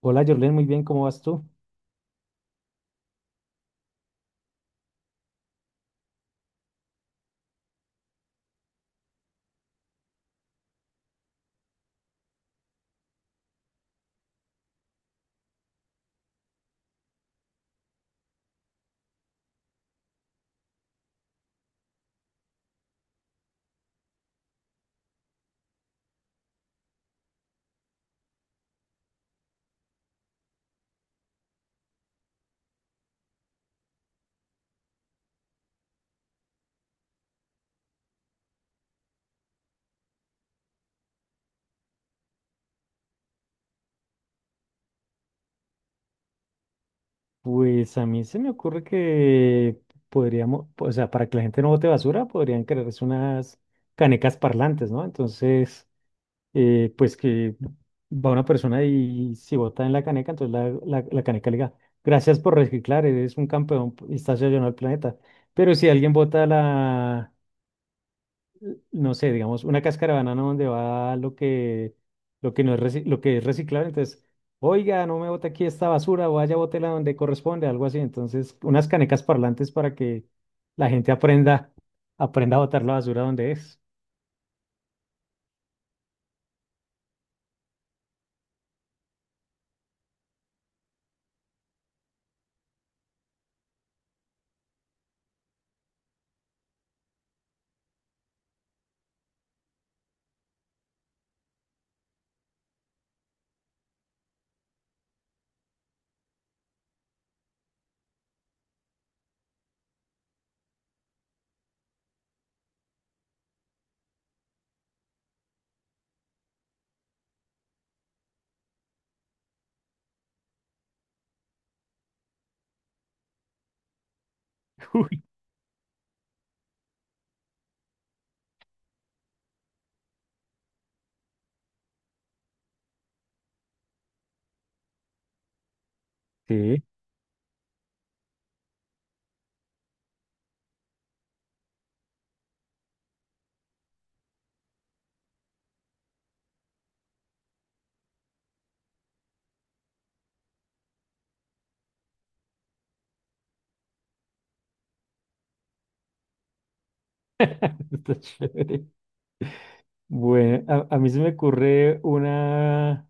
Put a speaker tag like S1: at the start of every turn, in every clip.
S1: Hola, Jorlen, muy bien, ¿cómo vas tú? Pues a mí se me ocurre que podríamos, o sea, para que la gente no bote basura, podrían crearse unas canecas parlantes, ¿no? Entonces, pues que va una persona y si bota en la caneca, entonces la caneca le diga, gracias por reciclar, eres un campeón y estás ayudando al planeta. Pero si alguien bota la, no sé, digamos, una cáscara de banana donde va lo que no es reci- lo que es reciclable. Entonces, oiga, no me bote aquí esta basura, vaya, bótela donde corresponde, algo así. Entonces, unas canecas parlantes para que la gente aprenda a botar la basura donde es. Sí. Está chévere. Bueno, a mí se me ocurre una.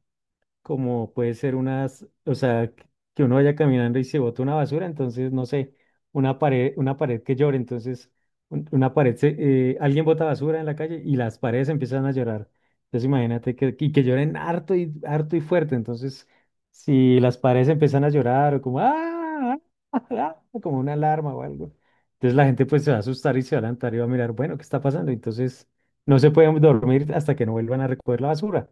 S1: Como puede ser unas, o sea, que uno vaya caminando y se bota una basura, entonces, no sé, una pared que llore, entonces, una pared, alguien bota basura en la calle y las paredes empiezan a llorar. Entonces, imagínate que, y que lloren harto y fuerte, entonces, si las paredes empiezan a llorar o como, ¡ah! Ah", como una alarma o algo, entonces la gente pues se va a asustar y se va a levantar y va a mirar, bueno, ¿qué está pasando? Entonces, no se pueden dormir hasta que no vuelvan a recoger la basura.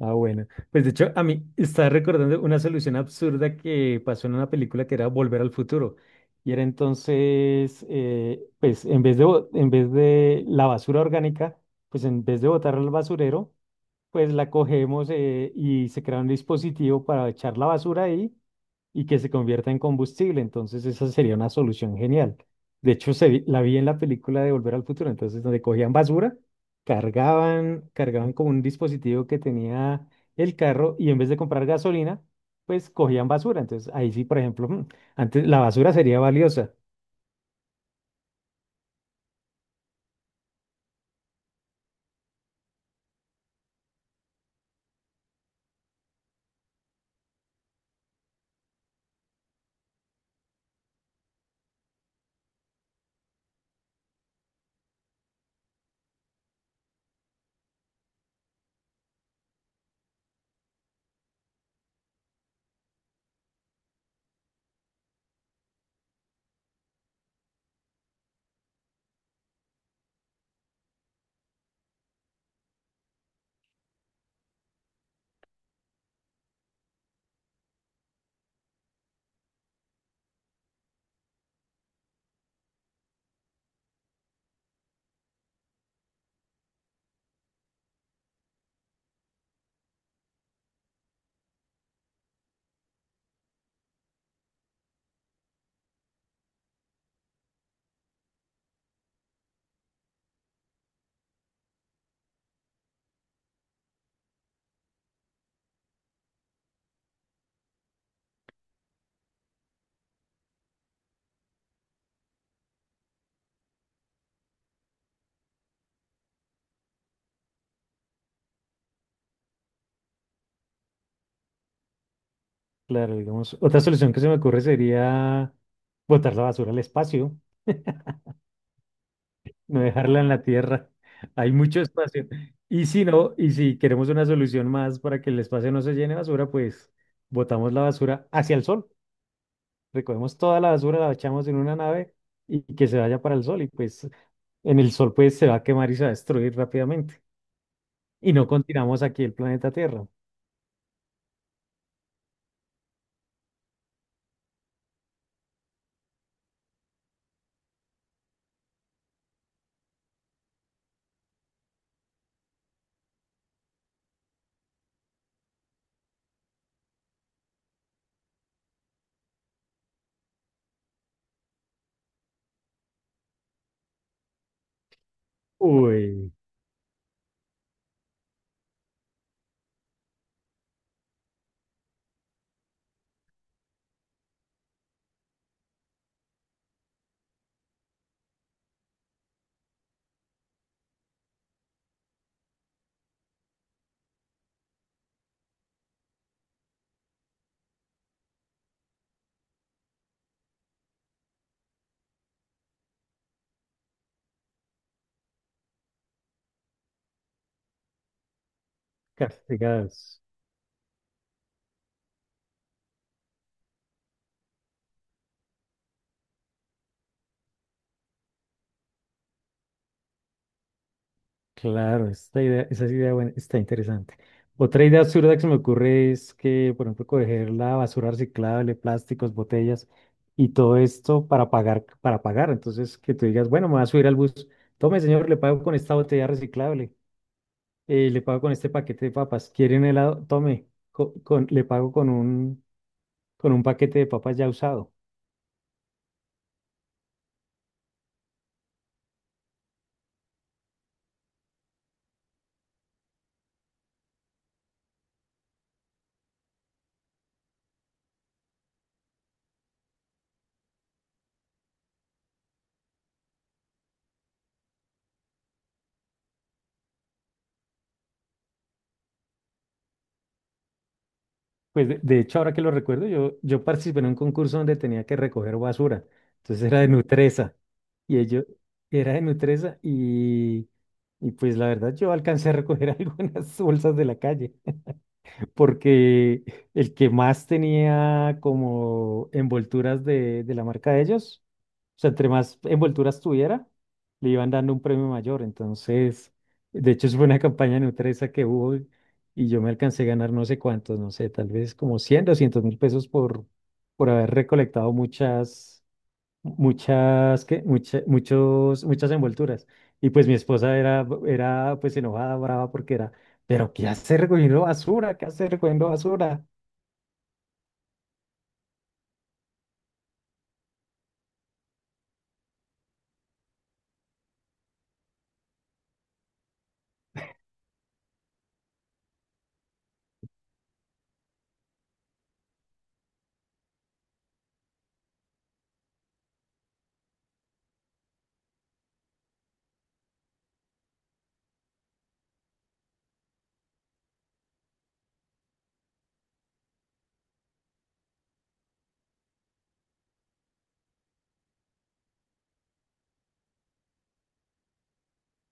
S1: Ah, bueno. Pues de hecho, a mí estaba recordando una solución absurda que pasó en una película que era Volver al Futuro. Y era entonces, pues en vez de la basura orgánica, pues en vez de botarla al basurero, pues la cogemos y se crea un dispositivo para echar la basura ahí y que se convierta en combustible. Entonces esa sería una solución genial. De hecho, la vi en la película de Volver al Futuro, entonces donde cogían basura, cargaban como un dispositivo que tenía el carro y en vez de comprar gasolina, pues cogían basura. Entonces ahí sí, por ejemplo, antes la basura sería valiosa. Claro, digamos, otra solución que se me ocurre sería botar la basura al espacio. No dejarla en la tierra. Hay mucho espacio. Y si no, y si queremos una solución más para que el espacio no se llene de basura, pues botamos la basura hacia el sol. Recogemos toda la basura, la echamos en una nave y que se vaya para el sol. Y pues en el sol pues se va a quemar y se va a destruir rápidamente. Y no continuamos aquí el planeta Tierra. Uy, castigados. Claro, esta idea, esa es idea buena, está interesante. Otra idea absurda que se me ocurre es que, por ejemplo, coger la basura reciclable, plásticos, botellas y todo esto para pagar, para pagar. Entonces, que tú digas, bueno, me voy a subir al bus. Tome, señor, le pago con esta botella reciclable. Le pago con este paquete de papas. ¿Quiere un helado? Tome. Le pago con un paquete de papas ya usado. Pues de hecho, ahora que lo recuerdo, yo participé en un concurso donde tenía que recoger basura. Entonces era de Nutresa. Y ello era de Nutresa y pues la verdad yo alcancé a recoger algunas bolsas de la calle porque el que más tenía como envolturas de la marca de ellos, o sea, entre más envolturas tuviera, le iban dando un premio mayor. Entonces, de hecho, eso fue una campaña nutresa que hubo y yo me alcancé a ganar no sé cuántos, no sé, tal vez como 100, 200 mil pesos por haber recolectado muchas muchas envolturas. Y pues mi esposa era pues enojada, brava, porque era, pero ¿qué hace recogiendo basura? ¿Qué hace recogiendo basura?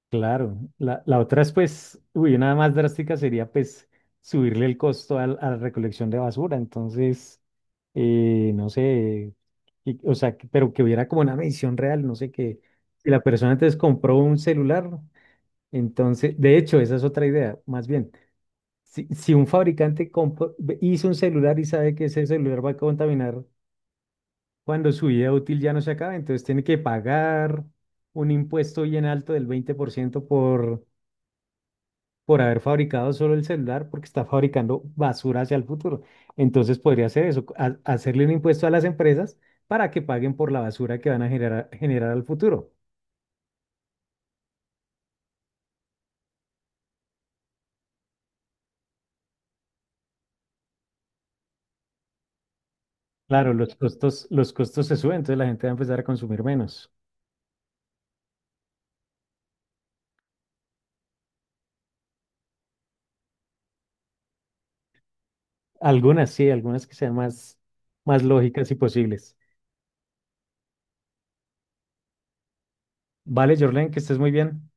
S1: Claro, la otra es pues, uy, una más drástica sería pues subirle el costo a la recolección de basura. Entonces, no sé, o sea, pero que hubiera como una medición real, no sé, que si la persona antes compró un celular, ¿no? Entonces, de hecho, esa es otra idea, más bien. Si un fabricante hizo un celular y sabe que ese celular va a contaminar cuando su vida útil ya no se acabe, entonces tiene que pagar un impuesto bien alto del 20% por, ciento por haber fabricado solo el celular, porque está fabricando basura hacia el futuro. Entonces podría hacer eso, hacerle un impuesto a las empresas para que paguen por la basura que van a generar al futuro. Claro, los costos se suben, entonces la gente va a empezar a consumir menos. Algunas sí, algunas que sean más, más lógicas y posibles. Vale, Jorlen, que estés muy bien.